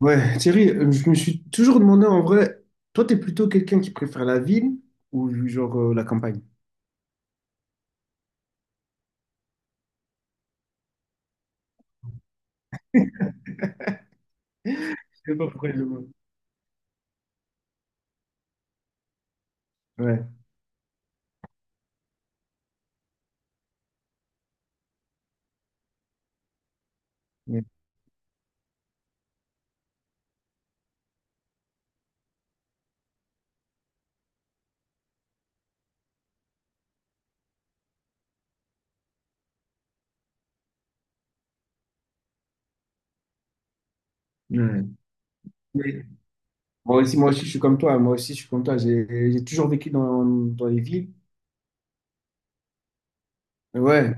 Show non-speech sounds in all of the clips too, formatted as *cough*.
Ouais, Thierry, je me suis toujours demandé en vrai, toi, t'es plutôt quelqu'un qui préfère la ville ou genre la campagne? Je sais pas pourquoi je le vois. Ouais. ouais, ouais. Mais moi aussi, je suis comme toi, hein. Moi aussi, je suis comme toi. J'ai toujours vécu dans les villes. Ouais,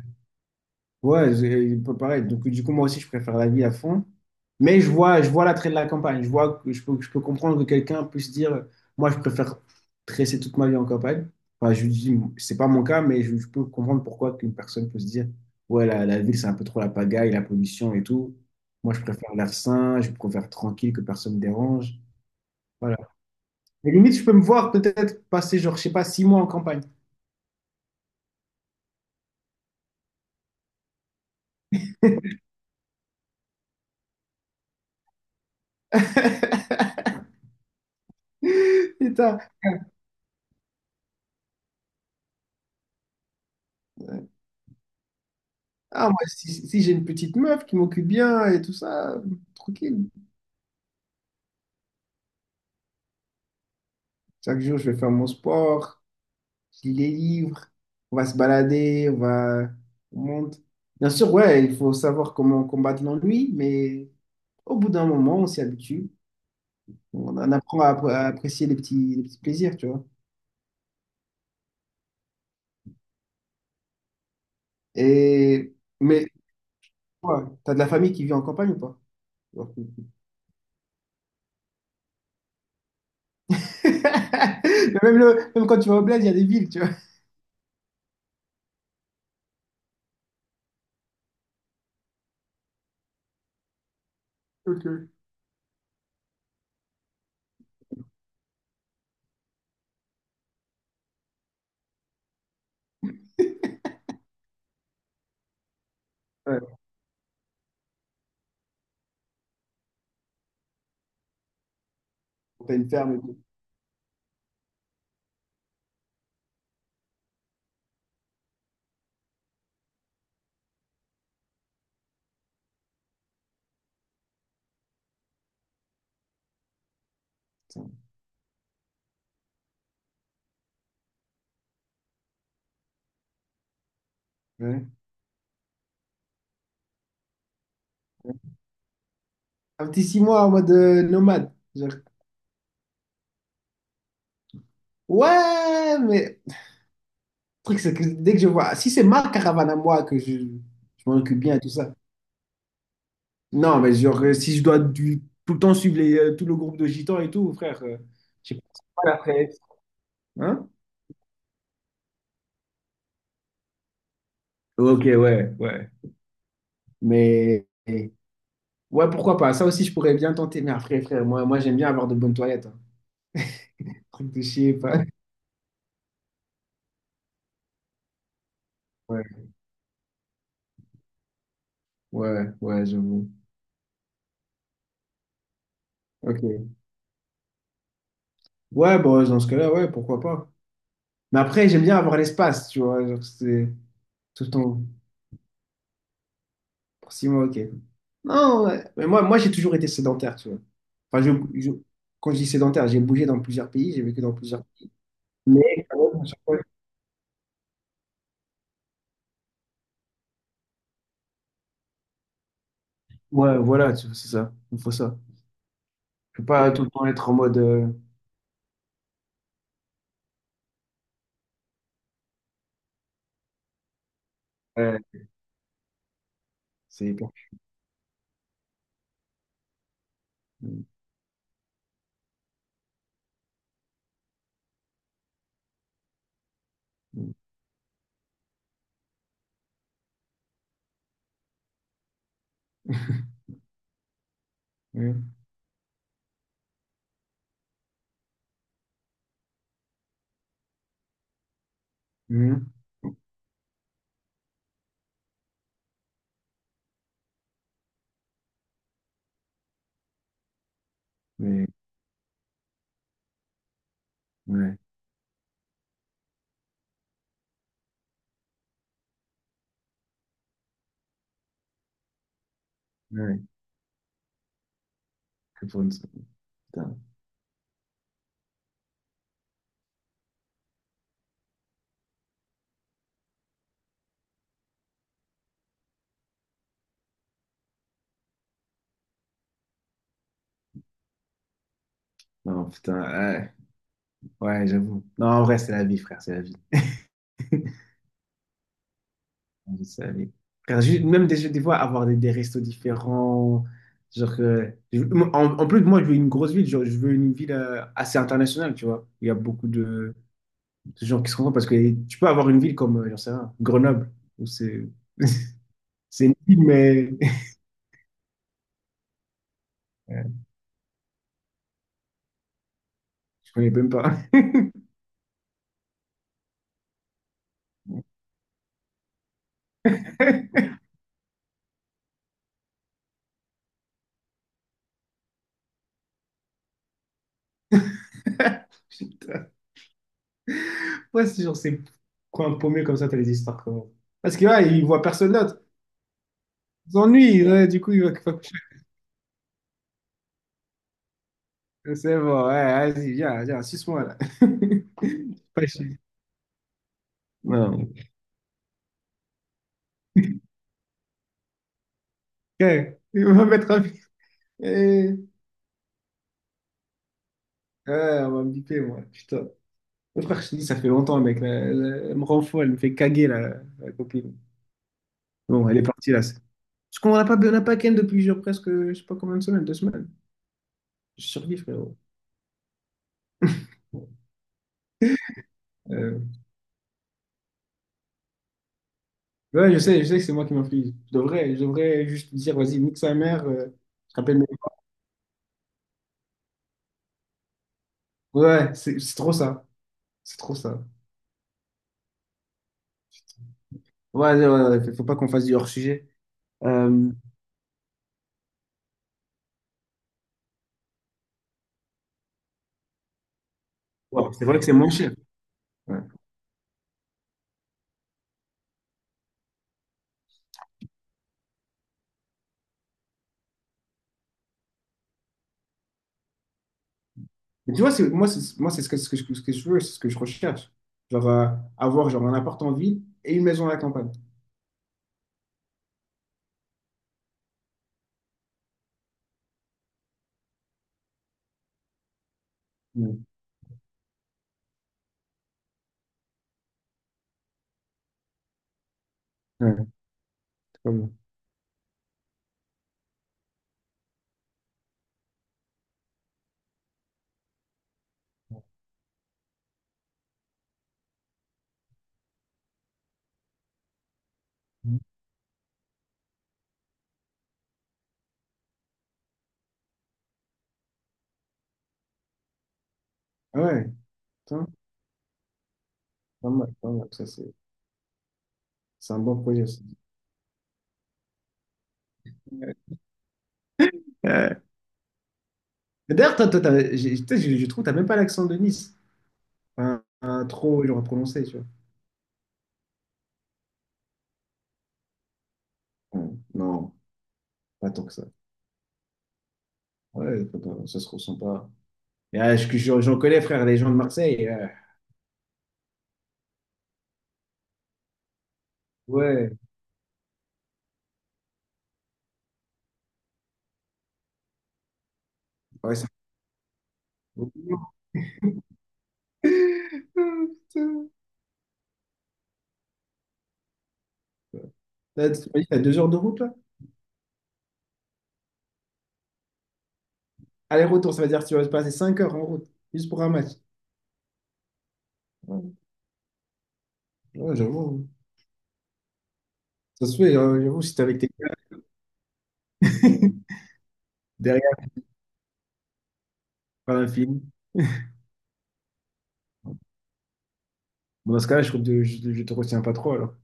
ouais, c'est- il peut paraître. Donc, du coup, moi aussi, je préfère la ville à fond. Mais je vois l'attrait de la campagne. Je vois que je peux comprendre que quelqu'un puisse dire, moi, je préfère tresser toute ma vie en campagne. Enfin, je lui dis, c'est pas mon cas, mais je peux comprendre pourquoi qu'une personne peut se dire, ouais, la ville, c'est un peu trop la pagaille, la pollution et tout. Moi, je préfère l'air sain, je préfère tranquille, que personne me dérange. Voilà. Et limite, je peux me voir peut-être passer, genre, je sais pas, 6 mois en campagne. *laughs* Putain. Ah, moi, si, si j'ai une petite meuf qui m'occupe bien et tout ça, tranquille. Chaque jour, je vais faire mon sport, je lis les livres, on va se balader, on va, on monte. Bien sûr, ouais, il faut savoir comment combattre l'ennui, mais au bout d'un moment, on s'y habitue. On en apprend à, à apprécier les petits plaisirs, tu vois. Et, mais, toi, t'as de la famille qui vit en campagne ou pas? Genre- *laughs* Mais même, le, même quand tu vas au bled, il y a des villes, tu vois. Ok. Ouais, t'as une ferme et tout. Ouais, ouais. Un petit 6 mois en mode nomade. Genre, ouais, mais le truc, c'est que dès que je vois, si c'est ma caravane à moi que je m'en occupe bien et tout ça. Non, mais genre, si je dois tout le temps suivre les, tout le groupe de gitans et tout, frère, j'ai pas la presse. Hein? Ok, ouais, ouais. Mais, ouais, pourquoi pas? Ça aussi, je pourrais bien tenter. Mais après, frère, moi j'aime bien avoir de bonnes toilettes, hein. Truc de chier, pas. *laughs* Ouais, ouais, ouais, j'avoue. Ok. Ouais, bon, dans ce cas-là, ouais, pourquoi pas. Mais après, j'aime bien avoir l'espace, tu vois. Genre, c'est tout le temps. Pour 6 mois, ok. Non, ouais. Mais moi j'ai toujours été sédentaire, tu vois. Enfin, je, je- quand je dis sédentaire, j'ai bougé dans plusieurs pays, j'ai vécu dans plusieurs. Mais quand même, à chaque fois, ouais, voilà, tu vois, c'est ça. Il faut ça. Je peux pas tout le temps être en mode. Ouais, c'est hyper. Mm, mm, mm, mm. Mais, ouais, ouais. Que pour une- seconde. Putain. Non, putain, ouais, ouais, j'avoue. Non, en vrai, c'est la vie, frère, c'est la vie. Vous savez. Car juste- même des fois, avoir des restos différents. Genre que- je- En, en plus, moi, je veux une grosse ville. Genre, je veux une ville assez internationale, tu vois. Il y a beaucoup de gens qui se rencontrent parce que tu peux avoir une ville comme, j'en sais rien, Grenoble, où c'est une ville, mais *laughs* euh, je connais même pas. *laughs* Putain. Ouais, c'est genre ces coins paumés comme ça, t'as des histoires comme... Parce que, ouais, ils voient personne d'autre. Ils s'ennuient, ouais, du coup, ils vont... C'est bon, ouais, vas-y, viens, viens, suce-moi, là. *laughs* Pas non, ok. Il va mettre un... Eh, ouais, on va me piper, moi. Putain. Mon frère, je te dis, ça fait longtemps, mec, là. Elle, elle me rend fou, elle me fait caguer, la copine. Bon, elle est partie, là. Parce qu'on n'a pas ken depuis genre, presque, je sais pas combien de semaines, 2 semaines. Je survis, frérot. *laughs* Euh, ouais, je sais, que c'est moi qui m'inflige. Je devrais juste dire, vas-y, nique sa mère, je rappelle mes... Ouais, c'est trop ça. C'est trop ça. Ouais, ouais, ouais, ouais, faut pas qu'on fasse du hors-sujet. Euh, ouais, c'est vrai que c'est moins cher. Ouais. Mais tu vois, c'est, moi, c'est, moi, c'est ce que je veux, c'est ce que je recherche. Genre, avoir genre, un appart en ville et une maison à la campagne. Mm. Ouais, c'est pas ah ouais, putain, pas mal, pas mal. Ça, c'est un bon projet, ça. Euh, D'ailleurs, tu sais, je trouve que tu n'as même pas l'accent de Nice. Enfin, un trop genre, prononcé, tu vois. Ouais, non, pas tant que ça. Ouais, pas tant- ça se ressent pas. Et, ah, j'en connais, frère, les gens de Marseille, ouais, ouais, ça. *laughs* Ah, putain. T'as *laughs* t'as 2 heures de route, là? Aller-retour, ça veut dire que tu vas passer 5 heures en route, juste pour un match. Ouais, ouais, j'avoue. Ça se fait, hein, j'avoue, si t'es avec tes gars, *laughs* derrière, par un film. Bon, dans ce cas-là, trouve que je te retiens pas trop, alors.